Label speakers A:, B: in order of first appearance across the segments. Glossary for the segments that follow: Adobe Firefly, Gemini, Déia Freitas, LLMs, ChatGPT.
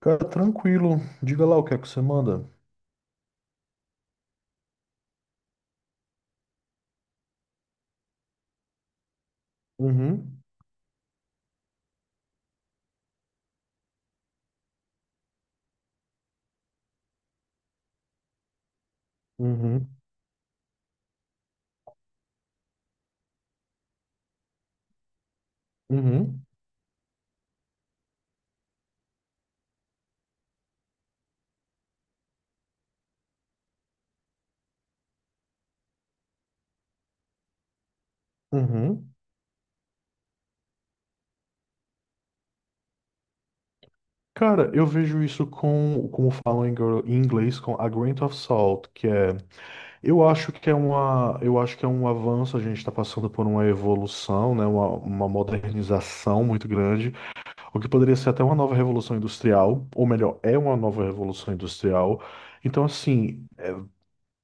A: Cara, tranquilo. Diga lá o que é que você manda. Uhum, uhum, uhum, uhum. Cara, eu vejo isso com, como falam em em inglês, com a grain of salt, que é, eu acho que é um avanço. A gente está passando por uma evolução, né, uma modernização muito grande, o que poderia ser até uma nova revolução industrial, ou melhor, é uma nova revolução industrial. Então, assim,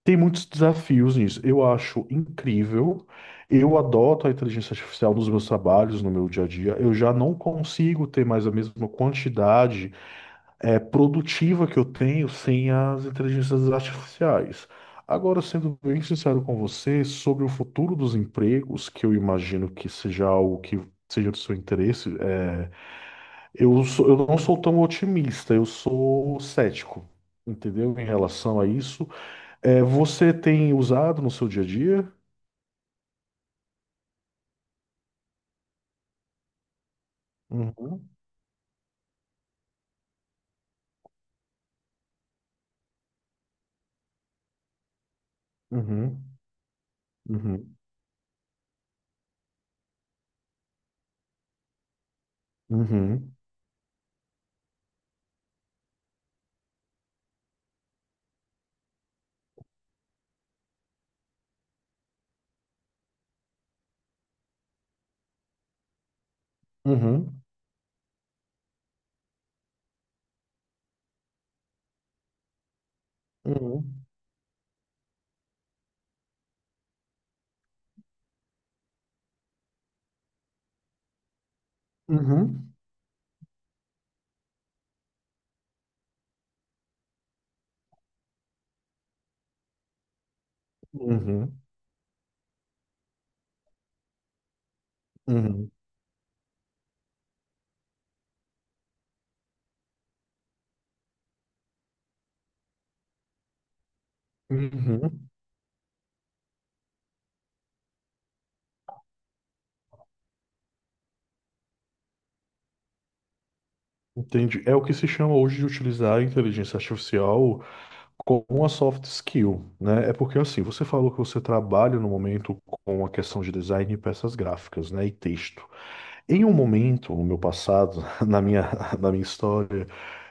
A: tem muitos desafios nisso. Eu acho incrível. Eu adoto a inteligência artificial nos meus trabalhos, no meu dia a dia. Eu já não consigo ter mais a mesma quantidade produtiva que eu tenho sem as inteligências artificiais. Agora, sendo bem sincero com você, sobre o futuro dos empregos, que eu imagino que seja algo que seja do seu interesse, eu não sou tão otimista, eu sou cético, entendeu? Em relação a isso. É, você tem usado no seu dia a dia? Uhum, uhum, uhum, uhum, uhum, uhum, uhum, uhum, uhum, uhum. Entendi. É o que se chama hoje de utilizar a inteligência artificial como uma soft skill, né? É porque assim, você falou que você trabalha no momento com a questão de design e peças gráficas, né? E texto. Em um momento, no meu passado, na minha história,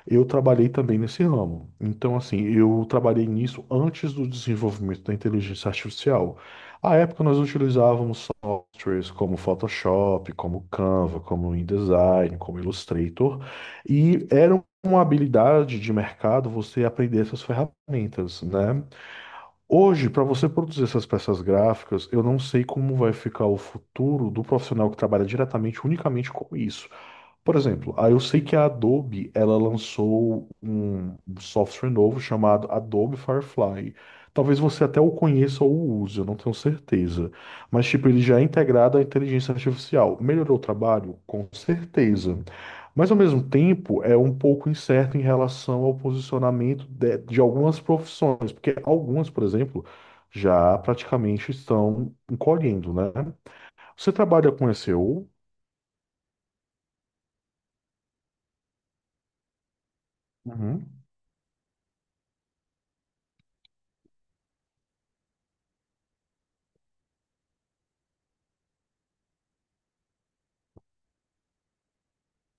A: eu trabalhei também nesse ramo. Então, assim, eu trabalhei nisso antes do desenvolvimento da inteligência artificial. À época, nós utilizávamos softwares como Photoshop, como Canva, como InDesign, como Illustrator, e era uma habilidade de mercado você aprender essas ferramentas, né? Hoje, para você produzir essas peças gráficas, eu não sei como vai ficar o futuro do profissional que trabalha diretamente, unicamente com isso. Por exemplo, eu sei que a Adobe, ela lançou um software novo chamado Adobe Firefly. Talvez você até o conheça ou use, eu não tenho certeza. Mas, tipo, ele já é integrado à inteligência artificial. Melhorou o trabalho? Com certeza. Mas, ao mesmo tempo, é um pouco incerto em relação ao posicionamento de algumas profissões. Porque algumas, por exemplo, já praticamente estão encolhendo, né? Você trabalha com SEO? Uhum.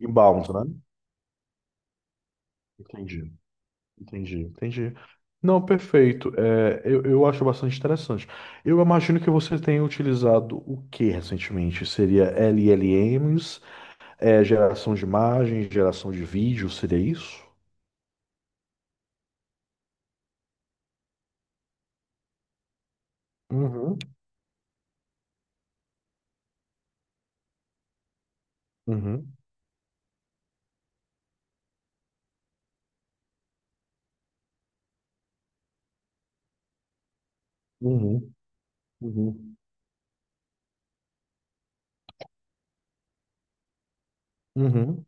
A: Inbound, né? Entendi, entendi, entendi. Não, perfeito. É, eu acho bastante interessante. Eu imagino que você tenha utilizado o que recentemente? Seria LLMs, geração de imagens, geração de vídeo, seria isso? Uhum, uhum, uhum, uhum, uhum,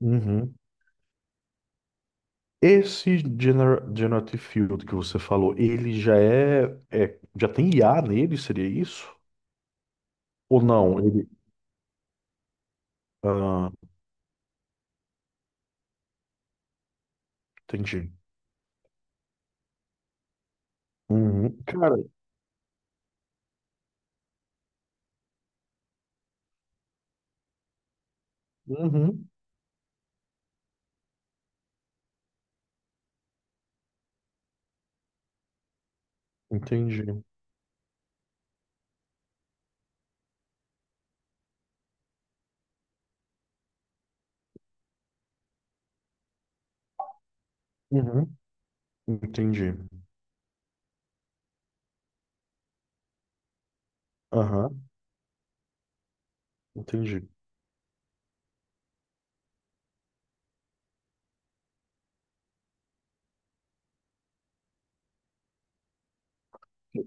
A: uhum. Esse Generative Field que você falou, ele já já tem IA nele, seria isso? Ou não? Ele. Ah, entendi. Uhum. Cara, uhum. Entendi. Uhum. Entendi. Aham, entendi.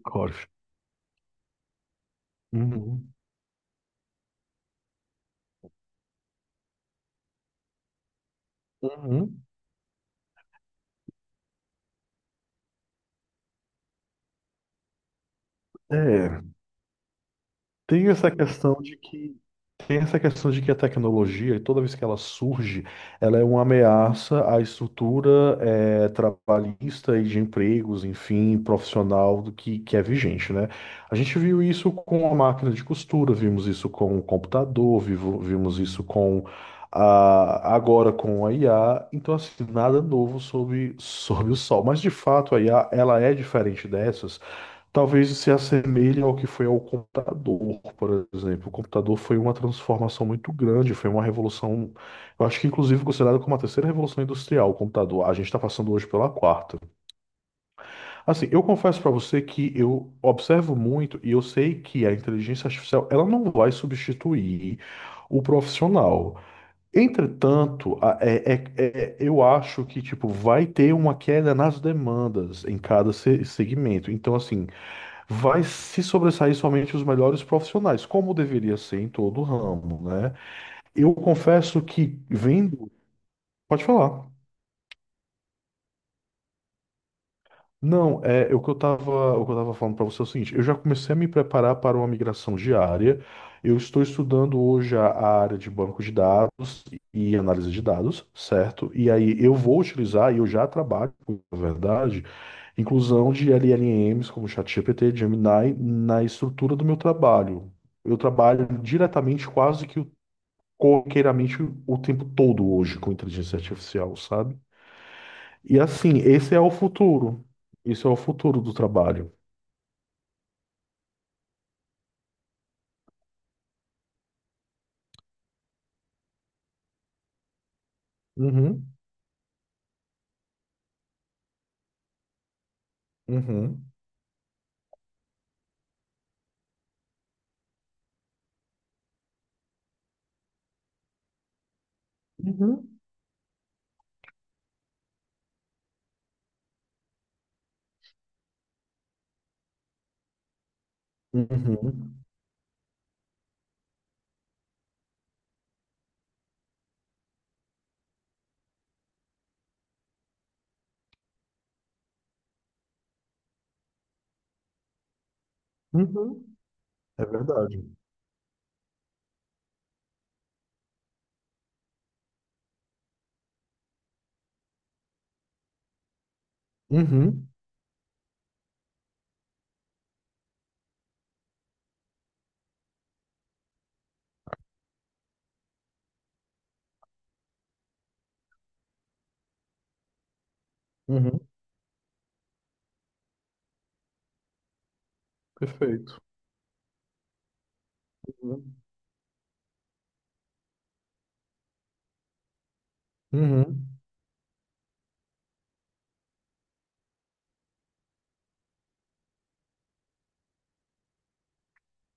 A: Corf. Uhum. Uhum. É. Tem essa questão de que Tem essa questão de que a tecnologia, toda vez que ela surge, ela é uma ameaça à estrutura trabalhista e de empregos, enfim, profissional do que é vigente, né? A gente viu isso com a máquina de costura, vimos isso com o computador, vimos isso agora com a IA. Então, assim, nada novo sobre o sol. Mas de fato, a IA ela é diferente dessas. Talvez se assemelhe ao que foi ao computador, por exemplo. O computador foi uma transformação muito grande, foi uma revolução, eu acho que inclusive considerada como a terceira revolução industrial, o computador. A gente está passando hoje pela quarta. Assim, eu confesso para você que eu observo muito e eu sei que a inteligência artificial, ela não vai substituir o profissional. Entretanto, eu acho que tipo vai ter uma queda nas demandas em cada segmento. Então, assim, vai se sobressair somente os melhores profissionais, como deveria ser em todo o ramo, né? Eu confesso que vendo. Pode falar. Não, o que eu tava, falando para você é o seguinte: eu já comecei a me preparar para uma migração diária. Eu estou estudando hoje a área de banco de dados e análise de dados, certo? E aí eu vou utilizar, e eu já trabalho com, na verdade, inclusão de LLMs como ChatGPT, Gemini, na estrutura do meu trabalho. Eu trabalho diretamente, quase que corriqueiramente, o tempo todo hoje com inteligência artificial, sabe? E assim, esse é o futuro. Isso é o futuro do trabalho. Uhum, uhum, uhum, uhum, uhum, é verdade. Uhum, uhum. Perfeito. Uhum. Uhum.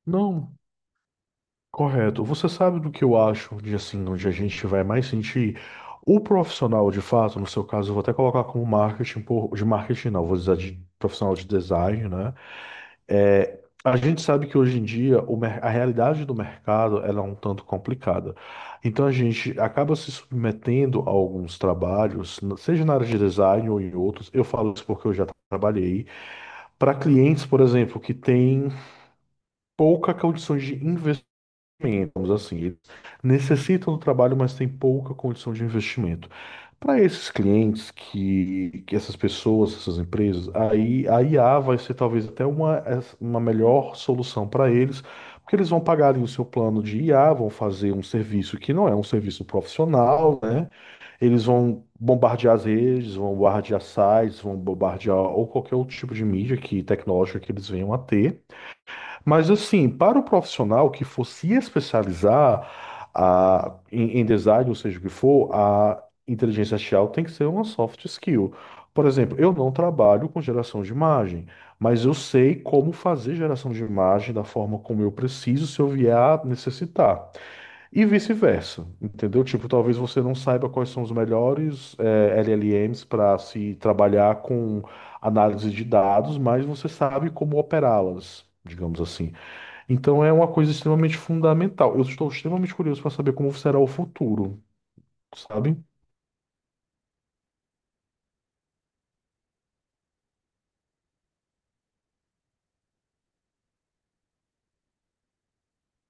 A: Não, correto. Você sabe do que eu acho? De assim, onde a gente vai mais sentir o profissional de fato, no seu caso, eu vou até colocar como marketing, por, de marketing não, vou dizer de profissional de design, né? É, a gente sabe que hoje em dia o a realidade do mercado ela é um tanto complicada. Então a gente acaba se submetendo a alguns trabalhos, seja na área de design ou em outros. Eu falo isso porque eu já trabalhei para clientes, por exemplo, que têm pouca condição de investir investimentos, assim. Eles necessitam do trabalho, mas têm pouca condição de investimento. Para esses clientes, que essas pessoas, essas empresas, aí a IA vai ser talvez até uma, melhor solução para eles, porque eles vão pagar ali o seu plano de IA, vão fazer um serviço que não é um serviço profissional, né? Eles vão bombardear as redes, vão bombardear sites, vão bombardear ou qualquer outro tipo de mídia que tecnológica que eles venham a ter. Mas assim, para o profissional que for se especializar em design, ou seja o que for, a inteligência artificial tem que ser uma soft skill. Por exemplo, eu não trabalho com geração de imagem, mas eu sei como fazer geração de imagem da forma como eu preciso se eu vier a necessitar. E vice-versa, entendeu? Tipo, talvez você não saiba quais são os melhores LLMs para se trabalhar com análise de dados, mas você sabe como operá-las, digamos assim. Então é uma coisa extremamente fundamental. Eu estou extremamente curioso para saber como será o futuro, sabe?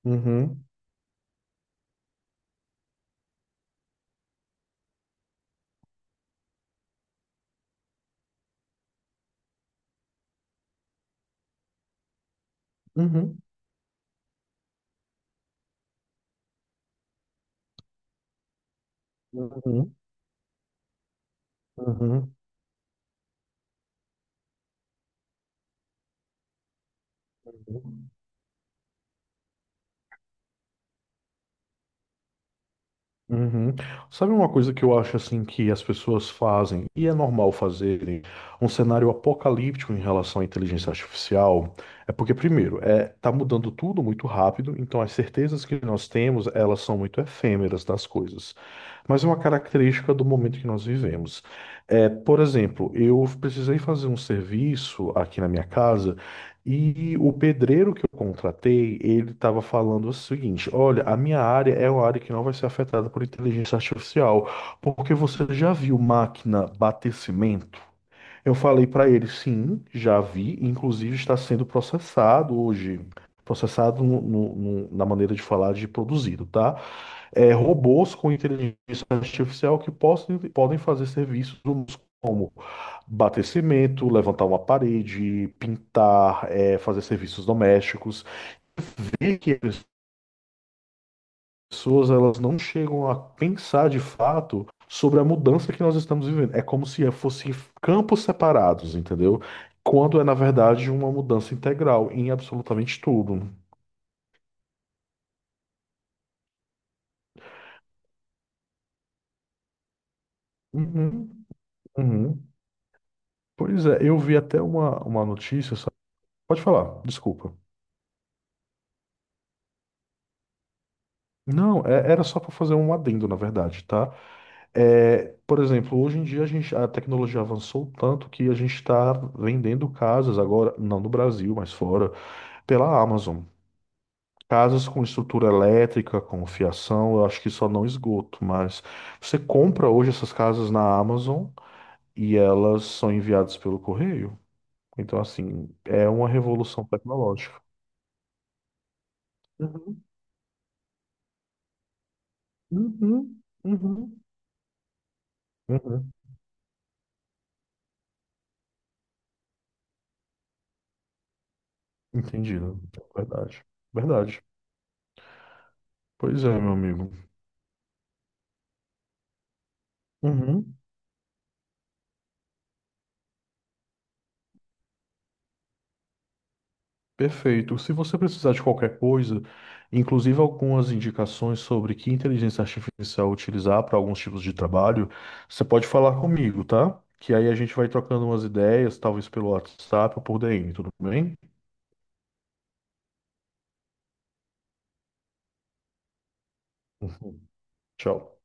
A: Uhum, uhum, uhum, uhum, uhum. Uhum. Sabe uma coisa que eu acho assim que as pessoas fazem, e é normal fazerem, um cenário apocalíptico em relação à inteligência artificial? É porque, primeiro, tá mudando tudo muito rápido, então as certezas que nós temos, elas são muito efêmeras das coisas. Mas é uma característica do momento que nós vivemos. É, por exemplo, eu precisei fazer um serviço aqui na minha casa. E o pedreiro que eu contratei, ele estava falando o seguinte: olha, a minha área é uma área que não vai ser afetada por inteligência artificial, porque você já viu máquina bater cimento? Eu falei para ele: sim, já vi, inclusive está sendo processado hoje. Processado na maneira de falar, de produzido, tá? Robôs com inteligência artificial que possam, podem fazer serviços humanos como bater cimento, levantar uma parede, pintar, fazer serviços domésticos. Ver que as pessoas, elas não chegam a pensar de fato sobre a mudança que nós estamos vivendo. É como se fossem campos separados, entendeu? Quando é, na verdade, uma mudança integral em absolutamente tudo. Uhum, uhum. Pois é, eu vi até uma, notícia, sabe? Pode falar, desculpa. Não, era só para fazer um adendo, na verdade, tá? É, por exemplo, hoje em dia a tecnologia avançou tanto que a gente está vendendo casas agora, não no Brasil, mas fora, pela Amazon. Casas com estrutura elétrica, com fiação, eu acho que só não esgoto, mas você compra hoje essas casas na Amazon e elas são enviadas pelo correio. Então, assim, é uma revolução tecnológica. Uhum, uhum, uhum, uhum. Entendido. Verdade. Verdade. Pois é, meu amigo. Uhum. Perfeito. Se você precisar de qualquer coisa, inclusive algumas indicações sobre que inteligência artificial utilizar para alguns tipos de trabalho, você pode falar comigo, tá? Que aí a gente vai trocando umas ideias, talvez pelo WhatsApp ou por DM, tudo bem? Uhum. Tchau.